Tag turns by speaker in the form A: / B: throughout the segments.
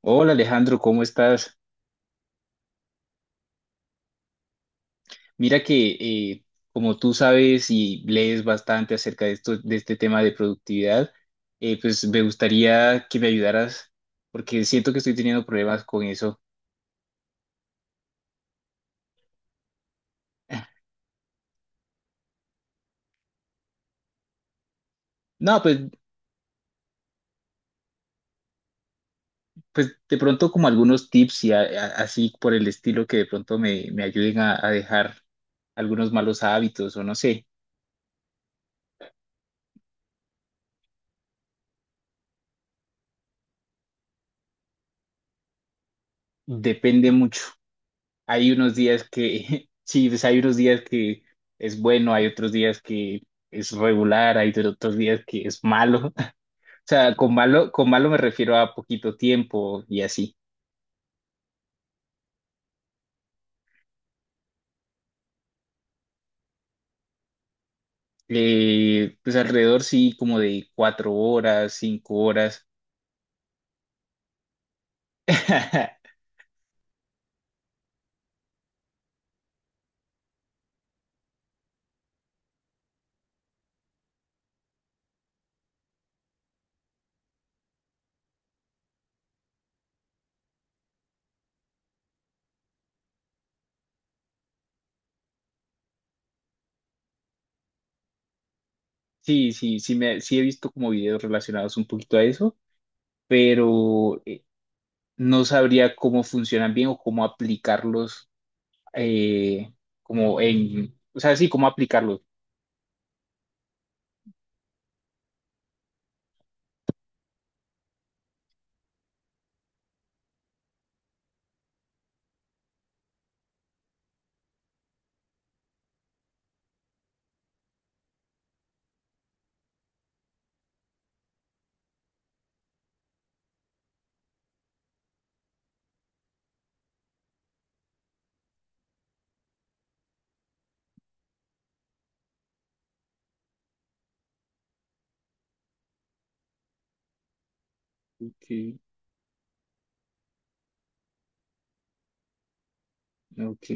A: Hola Alejandro, ¿cómo estás? Mira que eh, como tú sabes y lees bastante acerca de esto, de este tema de productividad, pues me gustaría que me ayudaras porque siento que estoy teniendo problemas con eso. No, pues, pues de pronto como algunos tips y así por el estilo que de pronto me ayuden a dejar algunos malos hábitos o no sé, depende mucho. Hay unos días que, sí, pues hay unos días que es bueno, hay otros días que es regular, hay otros días que es malo. O sea, con malo me refiero a poquito tiempo y así. Pues alrededor sí, como de 4 horas, 5 horas. Sí, sí, sí, sí he visto como videos relacionados un poquito a eso, pero no sabría cómo funcionan bien o cómo aplicarlos, eh, como en, o sea, sí, cómo aplicarlos. Ok. Ok,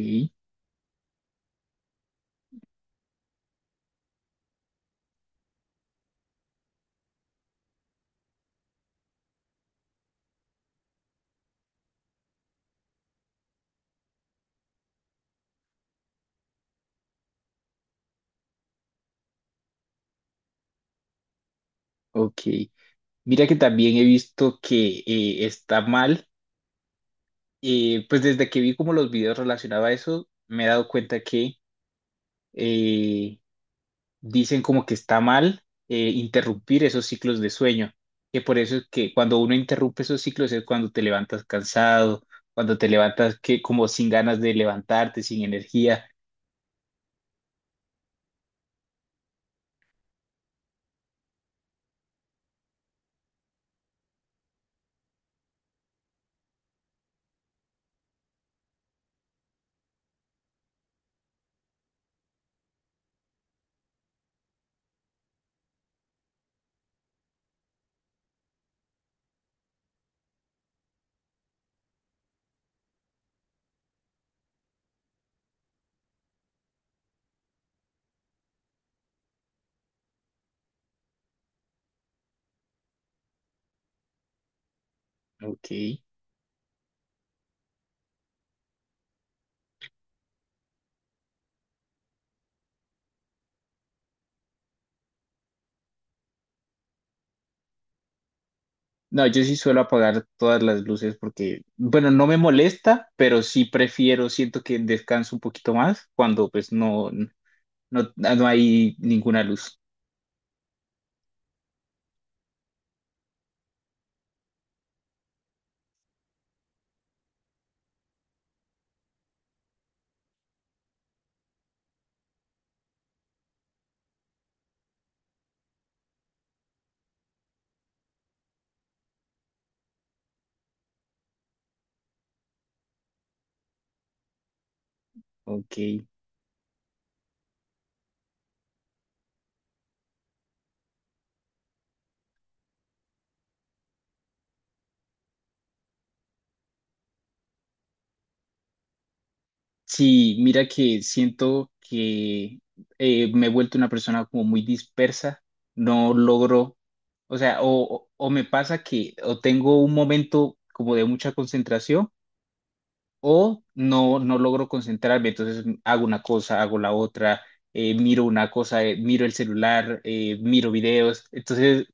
A: ok. Mira que también he visto que está mal. Pues desde que vi como los videos relacionados a eso, me he dado cuenta que eh, dicen como que está mal interrumpir esos ciclos de sueño. Que por eso es que cuando uno interrumpe esos ciclos es cuando te levantas cansado, cuando te levantas que como sin ganas de levantarte, sin energía. Ok. No, yo sí suelo apagar todas las luces porque, bueno, no me molesta, pero sí prefiero, siento que descanso un poquito más cuando pues no, no, no hay ninguna luz. Ok. Sí, mira que siento que me he vuelto una persona como muy dispersa, no logro, o sea, o me pasa que o tengo un momento como de mucha concentración o no, no logro concentrarme, entonces hago una cosa, hago la otra, miro una cosa, miro el celular, miro videos, entonces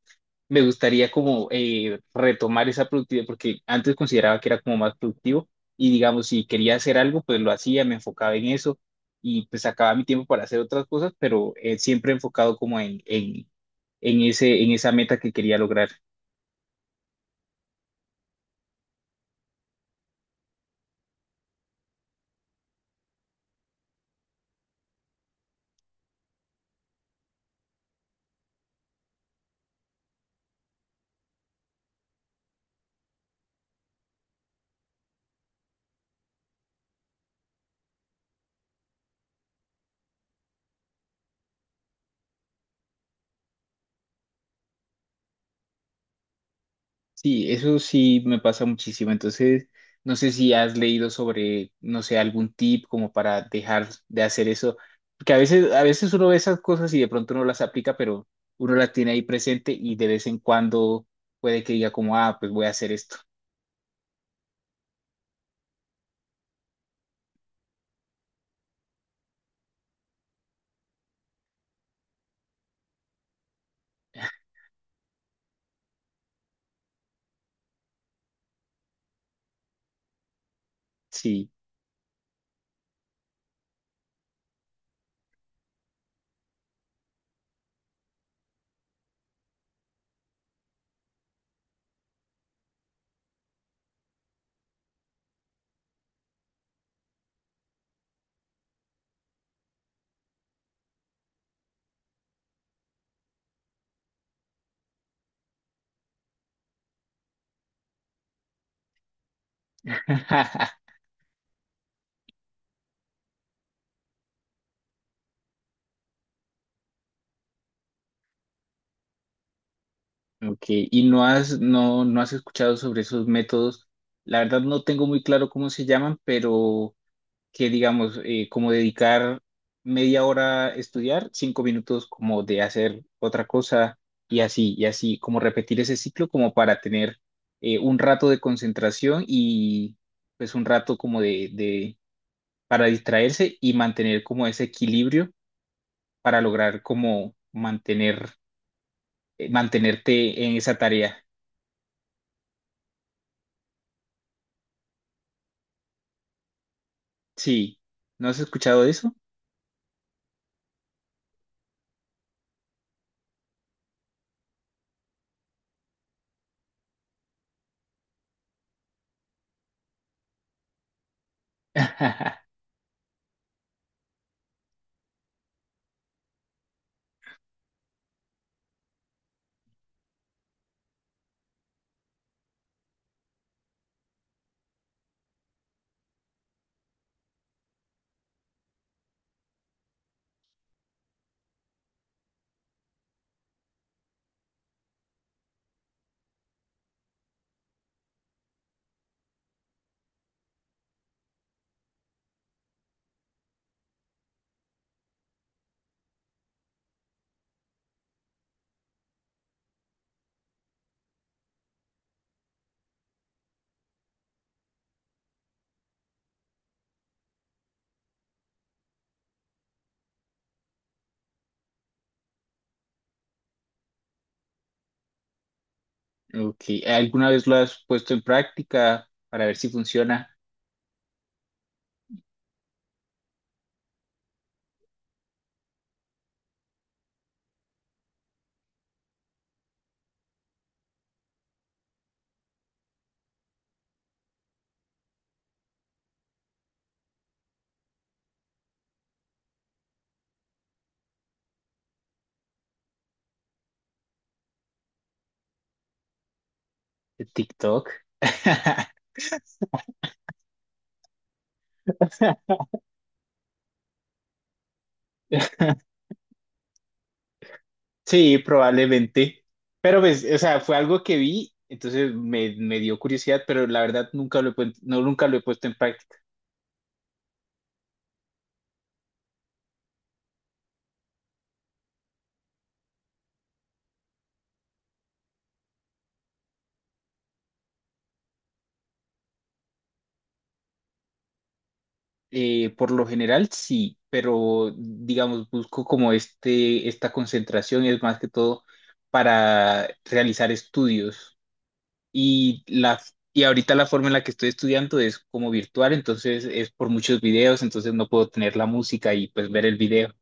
A: me gustaría como retomar esa productividad porque antes consideraba que era como más productivo y digamos, si quería hacer algo, pues lo hacía, me enfocaba en eso y pues sacaba mi tiempo para hacer otras cosas, pero siempre enfocado como en esa meta que quería lograr. Sí, eso sí me pasa muchísimo. Entonces, no sé si has leído sobre, no sé, algún tip como para dejar de hacer eso, porque a veces uno ve esas cosas y de pronto no las aplica, pero uno las tiene ahí presente y de vez en cuando puede que diga como, ah, pues voy a hacer esto. Sí. Ok, y no has escuchado sobre esos métodos. La verdad no tengo muy claro cómo se llaman, pero que digamos, como dedicar media hora a estudiar, 5 minutos como de hacer otra cosa y así, como repetir ese ciclo como para tener un rato de concentración y pues un rato como para distraerse y mantener como ese equilibrio para lograr como mantenerte en esa tarea. Sí, ¿no has escuchado de eso? Ok, ¿alguna vez lo has puesto en práctica para ver si funciona? ¿TikTok? Sí, probablemente. Pero pues, o sea, fue algo que vi, entonces me dio curiosidad, pero la verdad nunca lo he puesto en práctica. Por lo general sí, pero digamos, busco como esta concentración es más que todo para realizar estudios. Y, la, y ahorita la forma en la que estoy estudiando es como virtual, entonces es por muchos videos, entonces no puedo tener la música y pues ver el video.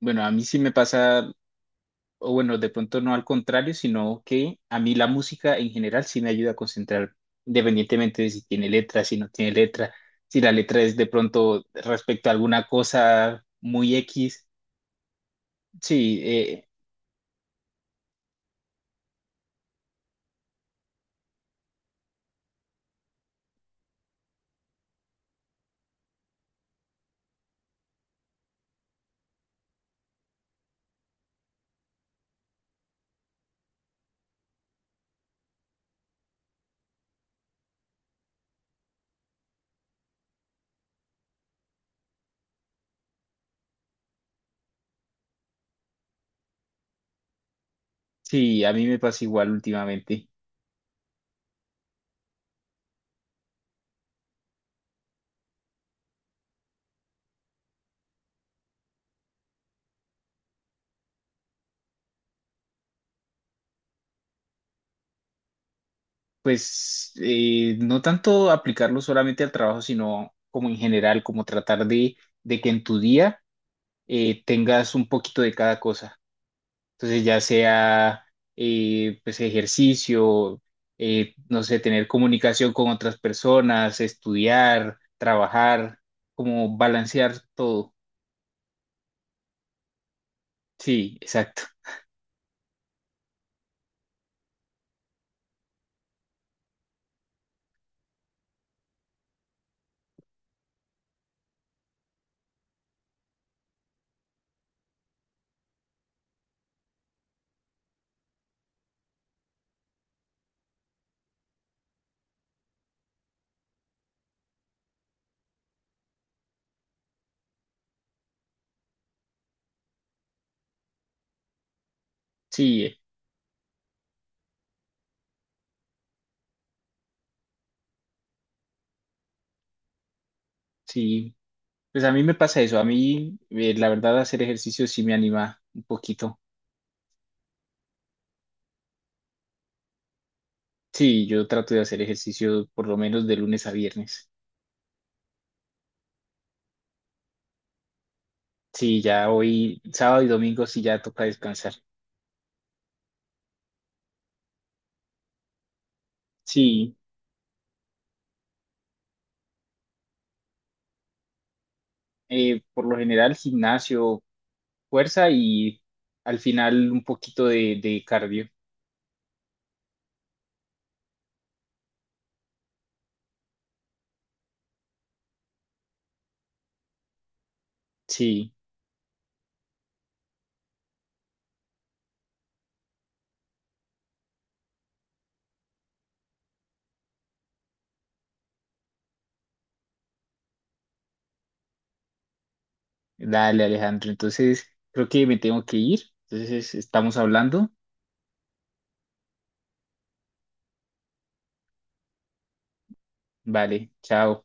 A: Bueno, a mí sí me pasa o bueno, de pronto no al contrario, sino que a mí la música en general sí me ayuda a concentrar independientemente de si tiene letra, si no tiene letra, si la letra es de pronto respecto a alguna cosa muy X. Sí, sí, a mí me pasa igual últimamente. Pues no tanto aplicarlo solamente al trabajo, sino como en general, como tratar de que en tu día tengas un poquito de cada cosa. Entonces, ya sea pues ejercicio, no sé, tener comunicación con otras personas, estudiar, trabajar, como balancear todo. Sí, exacto. Sí, sí. Pues a mí me pasa eso. A mí, la verdad, hacer ejercicio sí me anima un poquito. Sí, yo trato de hacer ejercicio por lo menos de lunes a viernes. Sí, ya hoy, sábado y domingo sí ya toca descansar. Sí, por lo general gimnasio, fuerza y al final un poquito de cardio. Sí, dale Alejandro. Entonces creo que me tengo que ir. Entonces estamos hablando. Vale, chao.